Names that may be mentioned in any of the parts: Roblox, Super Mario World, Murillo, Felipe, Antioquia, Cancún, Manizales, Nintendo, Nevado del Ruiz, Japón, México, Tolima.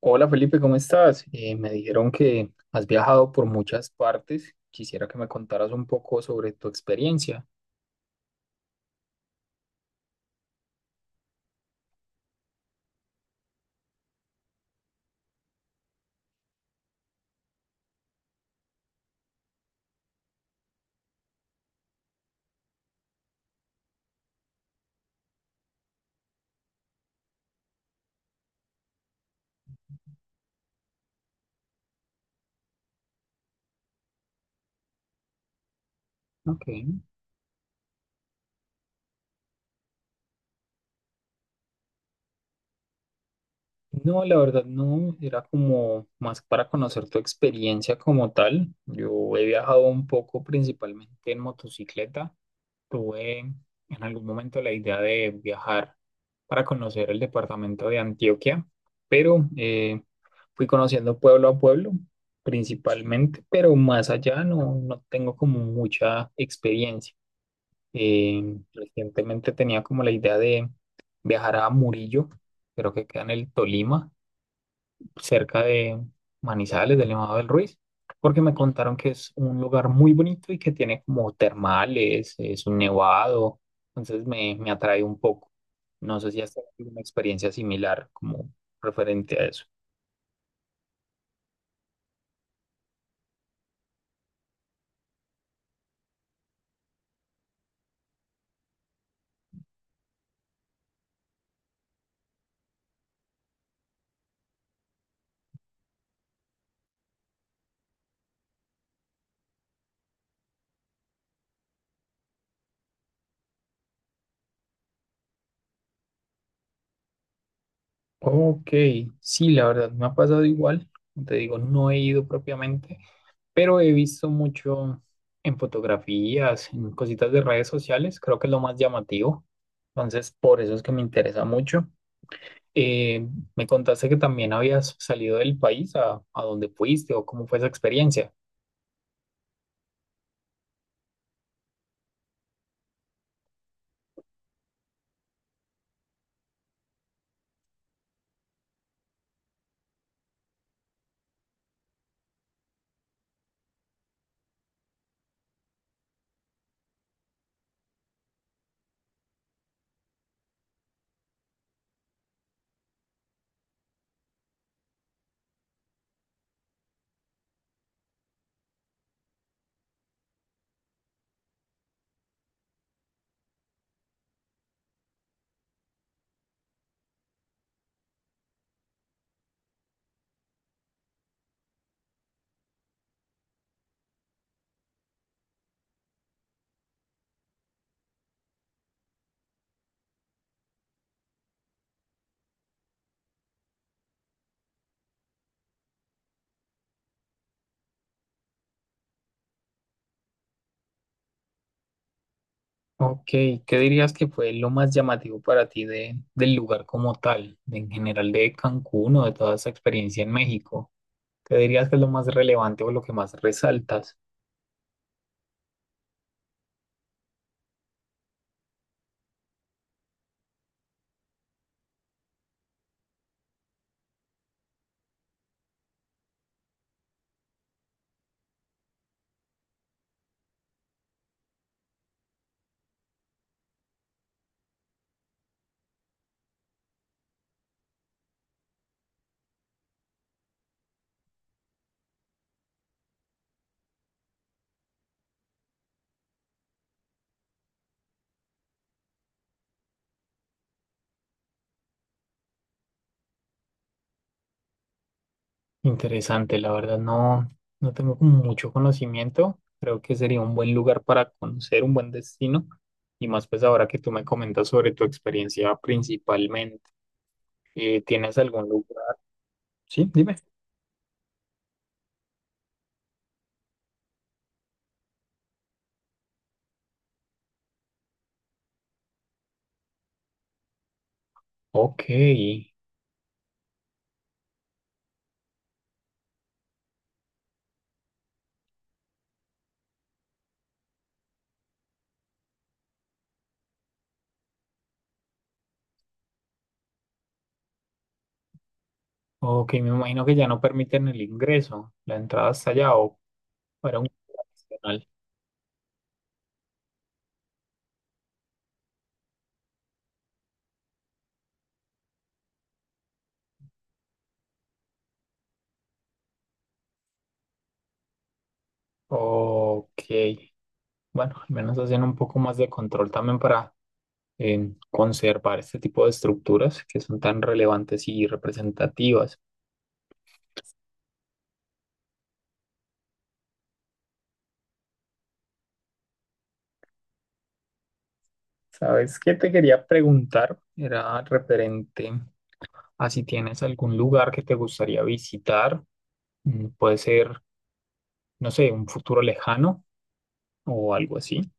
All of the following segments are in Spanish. Hola Felipe, ¿cómo estás? Me dijeron que has viajado por muchas partes. Quisiera que me contaras un poco sobre tu experiencia. Ok. No, la verdad no, era como más para conocer tu experiencia como tal. Yo he viajado un poco principalmente en motocicleta. Tuve en algún momento la idea de viajar para conocer el departamento de Antioquia, pero fui conociendo pueblo a pueblo principalmente, pero más allá no, no tengo como mucha experiencia. Eh, Recientemente tenía como la idea de viajar a Murillo, creo que queda en el Tolima cerca de Manizales, del Nevado del Ruiz, porque me contaron que es un lugar muy bonito y que tiene como termales, es un nevado, entonces me atrae un poco. No sé si has tenido una experiencia similar como referente a eso. Ok, sí, la verdad me ha pasado igual. Como te digo, no he ido propiamente, pero he visto mucho en fotografías, en cositas de redes sociales, creo que es lo más llamativo. Entonces, por eso es que me interesa mucho. Eh, Me contaste que también habías salido del país a donde fuiste o cómo fue esa experiencia. Ok, ¿qué dirías que fue lo más llamativo para ti de, del lugar como tal, en general de Cancún o de toda esa experiencia en México? ¿Qué dirías que es lo más relevante o lo que más resaltas? Interesante, la verdad no, no tengo como mucho conocimiento. Creo que sería un buen lugar para conocer, un buen destino. Y más pues ahora que tú me comentas sobre tu experiencia principalmente. ¿Tienes algún lugar? Sí, dime. Ok, ok, me imagino que ya no permiten el ingreso, la entrada hasta allá o para un nacional. Ok, bueno, al menos hacen un poco más de control también para conservar este tipo de estructuras que son tan relevantes y representativas. ¿Sabes qué te quería preguntar? Era referente a si tienes algún lugar que te gustaría visitar, mm, puede ser, no sé, un futuro lejano o algo así.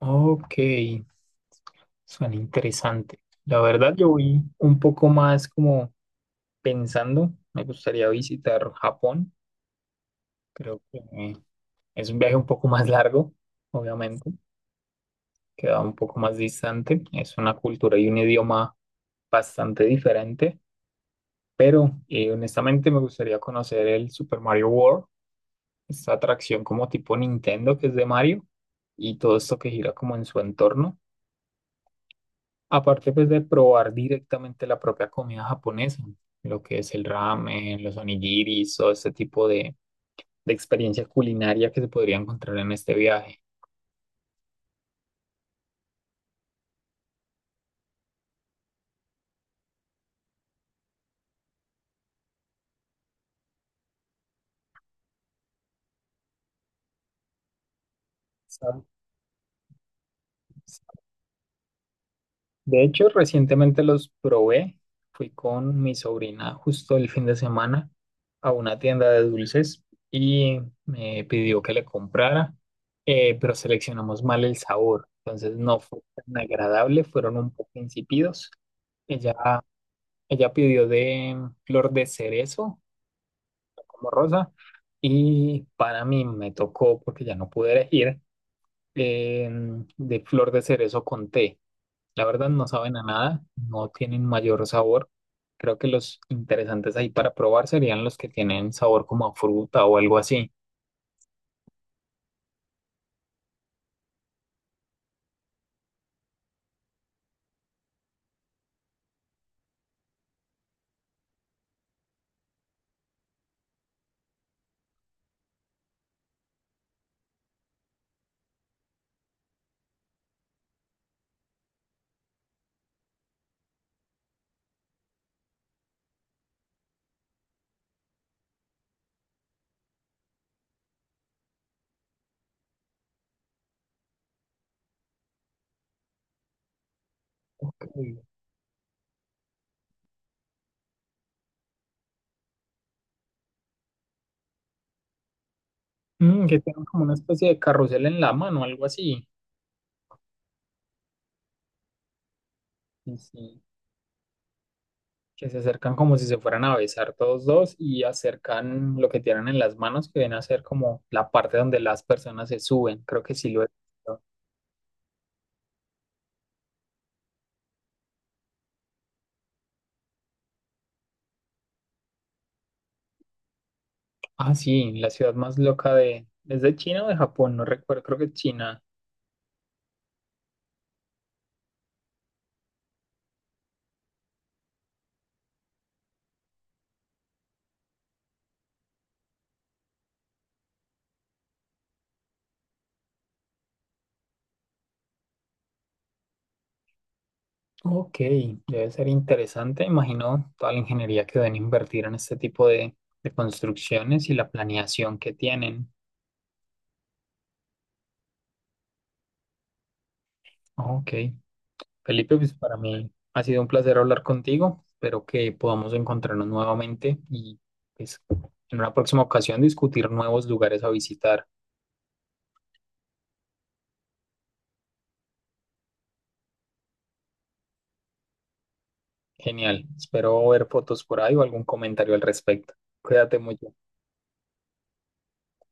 Ok, suena interesante. La verdad, yo voy un poco más como pensando, me gustaría visitar Japón, creo que es un viaje un poco más largo, obviamente, queda un poco más distante, es una cultura y un idioma bastante diferente, pero honestamente me gustaría conocer el Super Mario World, esta atracción como tipo Nintendo que es de Mario y todo esto que gira como en su entorno. Aparte pues de probar directamente la propia comida japonesa, lo que es el ramen, los onigiris, todo este tipo de experiencia culinaria que se podría encontrar en este viaje. Sa- De hecho, recientemente los probé. Fui con mi sobrina justo el fin de semana a una tienda de dulces y me pidió que le comprara, pero seleccionamos mal el sabor. Entonces no fue tan agradable, fueron un poco insípidos. Ella Ella pidió de flor de cerezo como rosa y para mí me tocó, porque ya no pude elegir, de flor de cerezo con té. La verdad no saben a nada, no tienen mayor sabor. Creo que los interesantes ahí para probar serían los que tienen sabor como a fruta o algo así. Ok. Mm, que tienen como una especie de carrusel en la mano, algo así. Y sí, que se acercan como si se fueran a besar todos dos y acercan lo que tienen en las manos, que viene a ser como la parte donde las personas se suben. Creo que sí lo he visto. Ah, sí, la ciudad más loca de... ¿Es de China o de Japón? No recuerdo, creo que es China. Ok, debe ser interesante. Imagino toda la ingeniería que deben invertir en este tipo de construcciones y la planeación que tienen. Ok. Felipe, pues para mí ha sido un placer hablar contigo. Espero que podamos encontrarnos nuevamente y pues, en una próxima ocasión discutir nuevos lugares a visitar. Genial. Espero ver fotos por ahí o algún comentario al respecto. Cuídate mucho.